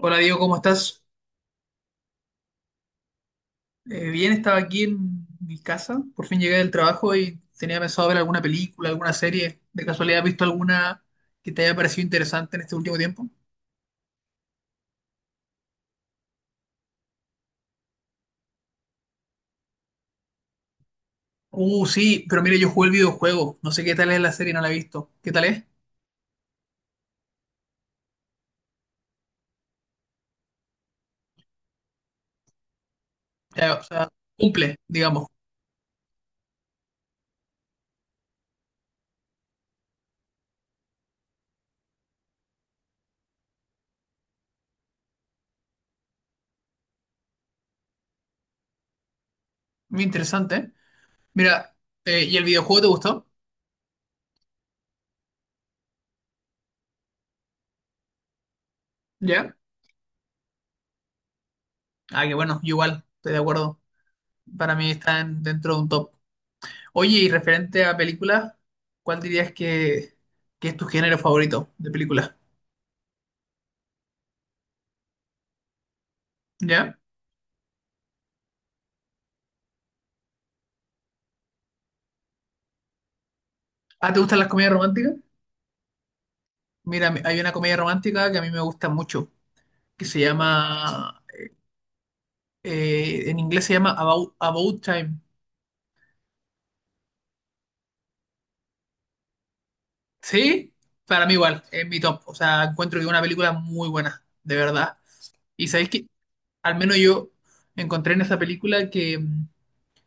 Hola Diego, ¿cómo estás? Bien, estaba aquí en mi casa, por fin llegué del trabajo y tenía pensado ver alguna película, alguna serie. ¿De casualidad has visto alguna que te haya parecido interesante en este último tiempo? Sí, pero mire, yo jugué el videojuego, no sé qué tal es la serie, no la he visto. ¿Qué tal es? O sea, cumple, digamos. Muy interesante, ¿eh? Mira, ¿y el videojuego te gustó? ¿Ya? Ah, que bueno, yo igual, estoy de acuerdo. Para mí están dentro de un top. Oye, y referente a películas, ¿cuál dirías que es tu género favorito de películas? ¿Ya? ¿Ah, te gustan las comedias románticas? Mira, hay una comedia romántica que a mí me gusta mucho, que se llama, en inglés se llama About Time. ¿Sí? Para mí igual, es mi top. O sea, encuentro que es una película muy buena, de verdad. Y sabéis que, al menos yo encontré en esa película que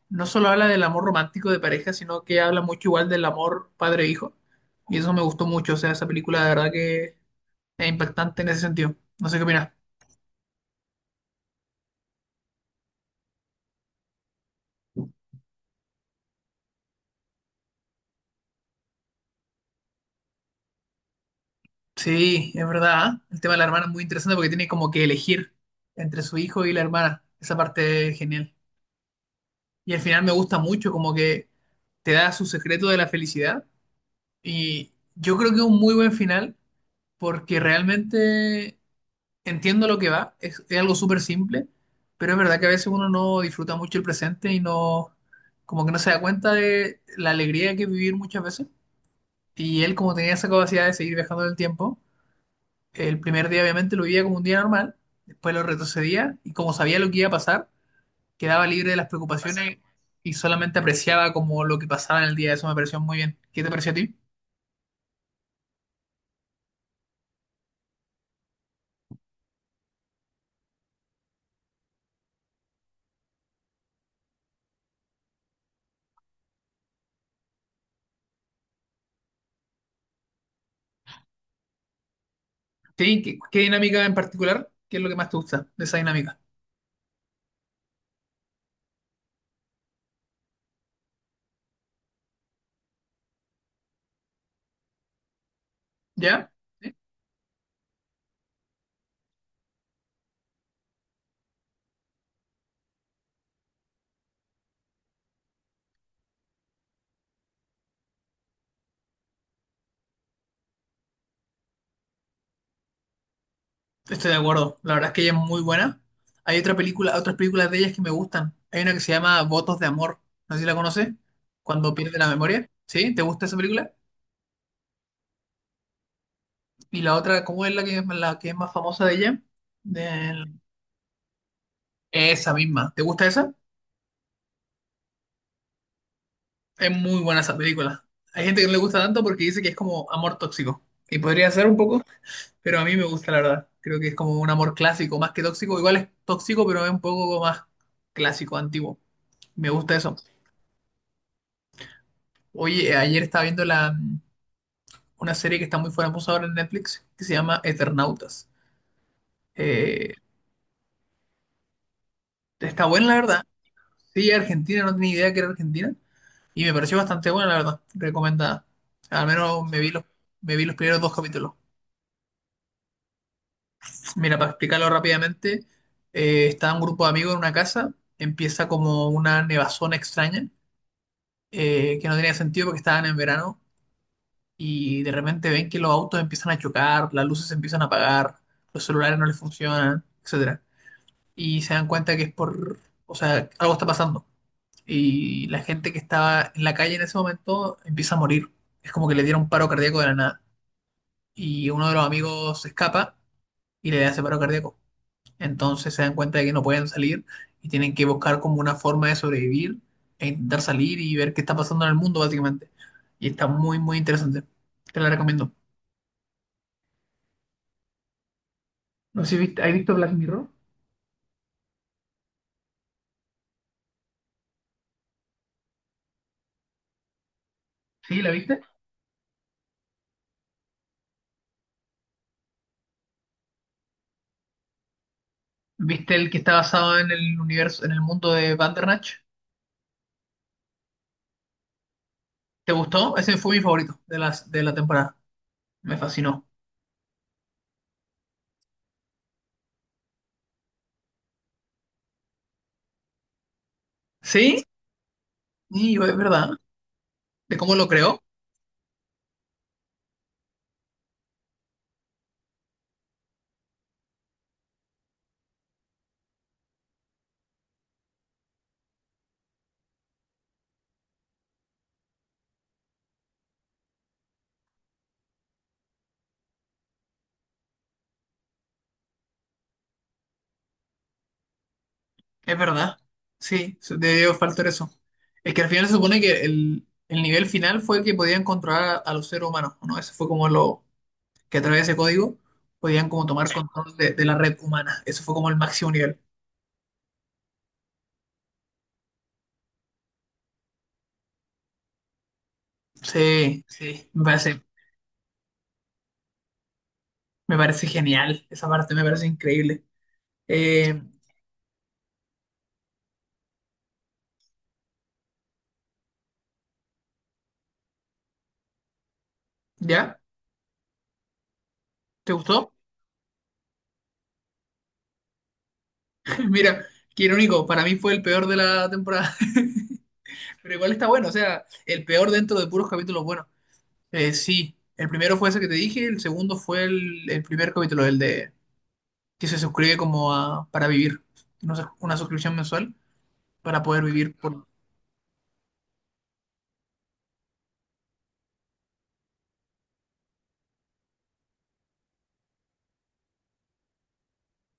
no solo habla del amor romántico de pareja, sino que habla mucho igual del amor padre-hijo. Y eso me gustó mucho. O sea, esa película de verdad que es impactante en ese sentido. No sé qué opinas. Sí, es verdad, ¿eh? El tema de la hermana es muy interesante porque tiene como que elegir entre su hijo y la hermana. Esa parte es genial. Y al final me gusta mucho, como que te da su secreto de la felicidad. Y yo creo que es un muy buen final porque realmente entiendo lo que es algo súper simple, pero es verdad que a veces uno no disfruta mucho el presente y no, como que no se da cuenta de la alegría que es vivir muchas veces. Y él, como tenía esa capacidad de seguir viajando en el tiempo, el primer día obviamente lo vivía como un día normal, después lo retrocedía y como sabía lo que iba a pasar, quedaba libre de las preocupaciones y solamente apreciaba como lo que pasaba en el día. Eso me pareció muy bien. ¿Qué te pareció a ti? Sí, qué dinámica en particular? ¿Qué es lo que más te gusta de esa dinámica? ¿Ya? ¿Sí? Estoy de acuerdo, la verdad es que ella es muy buena. Hay otra película, otras películas de ellas que me gustan. Hay una que se llama Votos de Amor, no sé si la conoces, cuando pierde la memoria. ¿Sí? ¿Te gusta esa película? Y la otra, ¿cómo es la que es más famosa de ella? Del- Esa misma. ¿Te gusta esa? Es muy buena esa película. Hay gente que no le gusta tanto porque dice que es como amor tóxico. Y podría ser un poco, pero a mí me gusta la verdad. Creo que es como un amor clásico, más que tóxico. Igual es tóxico, pero es un poco más clásico, antiguo. Me gusta eso. Oye, ayer estaba viendo una serie que está muy famosa ahora en Netflix, que se llama Eternautas. Eh, Está buena, la verdad. Sí, Argentina, no tenía idea que era Argentina. Y me pareció bastante buena, la verdad. Recomendada. Al menos me me vi los primeros 2 capítulos. Mira, para explicarlo rápidamente, está un grupo de amigos en una casa. Empieza como una nevazón extraña, que no tenía sentido porque estaban en verano y de repente ven que los autos empiezan a chocar, las luces se empiezan a apagar, los celulares no les funcionan, etcétera. Y se dan cuenta que es o sea, algo está pasando. Y la gente que estaba en la calle en ese momento empieza a morir. Es como que le dieron paro cardíaco de la nada. Y uno de los amigos se escapa y le hace paro cardíaco. Entonces se dan cuenta de que no pueden salir y tienen que buscar como una forma de sobrevivir e intentar salir y ver qué está pasando en el mundo, básicamente. Y está muy, muy interesante. Te la recomiendo. No sé si viste, ¿has visto Black Mirror? Sí, ¿la viste? ¿Viste el que está basado en el universo, en el mundo de Bandersnatch? ¿Te gustó? Ese fue mi favorito de las de la temporada. Me fascinó. ¿Sí? Sí, es verdad. ¿De cómo lo creó? Es verdad. Sí, debió faltar eso. Es que al final se supone que el nivel final fue que podían controlar a los seres humanos, ¿no? Eso fue como lo que a través de ese código podían como tomar control de la red humana. Eso fue como el máximo nivel. Sí, sí, me parece. Me parece genial, esa parte me parece increíble. Eh, ¿Ya? ¿Te gustó? Mira, qué irónico, para mí fue el peor de la temporada, pero igual está bueno, o sea, el peor dentro de puros capítulos buenos. Sí, el primero fue ese que te dije, el segundo fue el primer capítulo, el de que se suscribe como para vivir, no sé, una suscripción mensual para poder vivir por...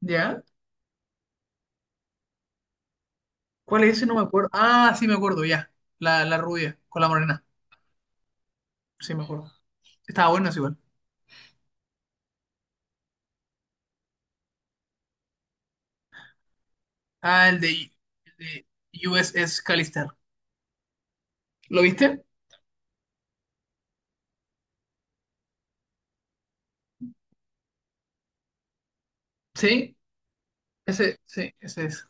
¿Ya? ¿Cuál es ese? No me acuerdo. Ah, sí me acuerdo, ya. La rubia con la morena, sí me acuerdo. Estaba bueno, es igual. Ah, el el de USS Callister. ¿Lo viste? Sí, sí, ese es.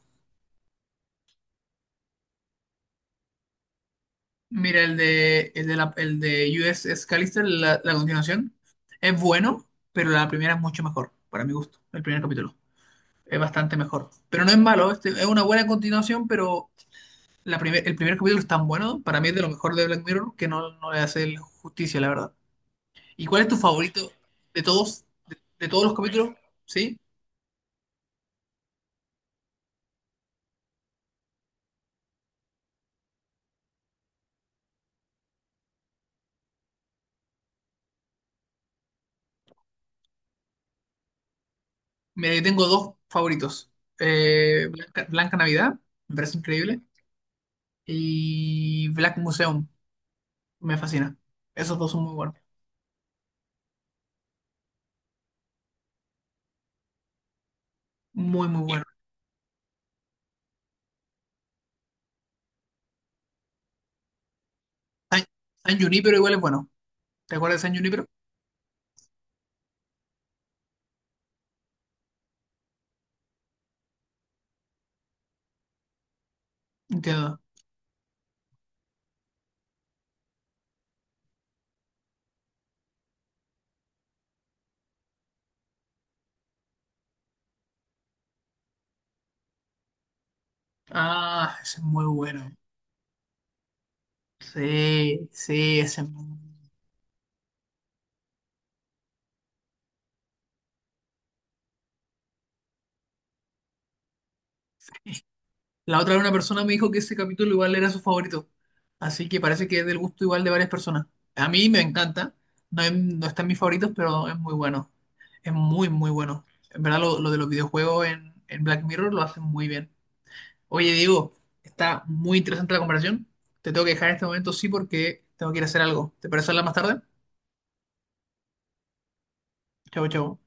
Mira, el el de USS Callister, la continuación, es bueno, pero la primera es mucho mejor, para mi gusto, el primer capítulo. Es bastante mejor. Pero no es malo, este, es una buena continuación, pero el primer capítulo es tan bueno, para mí es de lo mejor de Black Mirror, que no le hace justicia, la verdad. ¿Y cuál es tu favorito de todos, de todos los capítulos? ¿Sí? Me tengo dos favoritos. Blanca Navidad, me parece increíble. Y Black Museum, me fascina. Esos dos son muy buenos. Muy, muy buenos. San, San Junípero igual es bueno. ¿Te acuerdas de San Junípero? Entiendo. Ah, ese es muy bueno. Sí, sí, ese es muy bueno. La otra vez una persona me dijo que ese capítulo igual era su favorito. Así que parece que es del gusto igual de varias personas. A mí me encanta. No, no está en mis favoritos, pero es muy bueno. Es muy, muy bueno. En verdad, lo de los videojuegos en Black Mirror lo hacen muy bien. Oye, Diego, está muy interesante la comparación. Te tengo que dejar en este momento, sí, porque tengo que ir a hacer algo. ¿Te parece hablar más tarde? Chau, chau.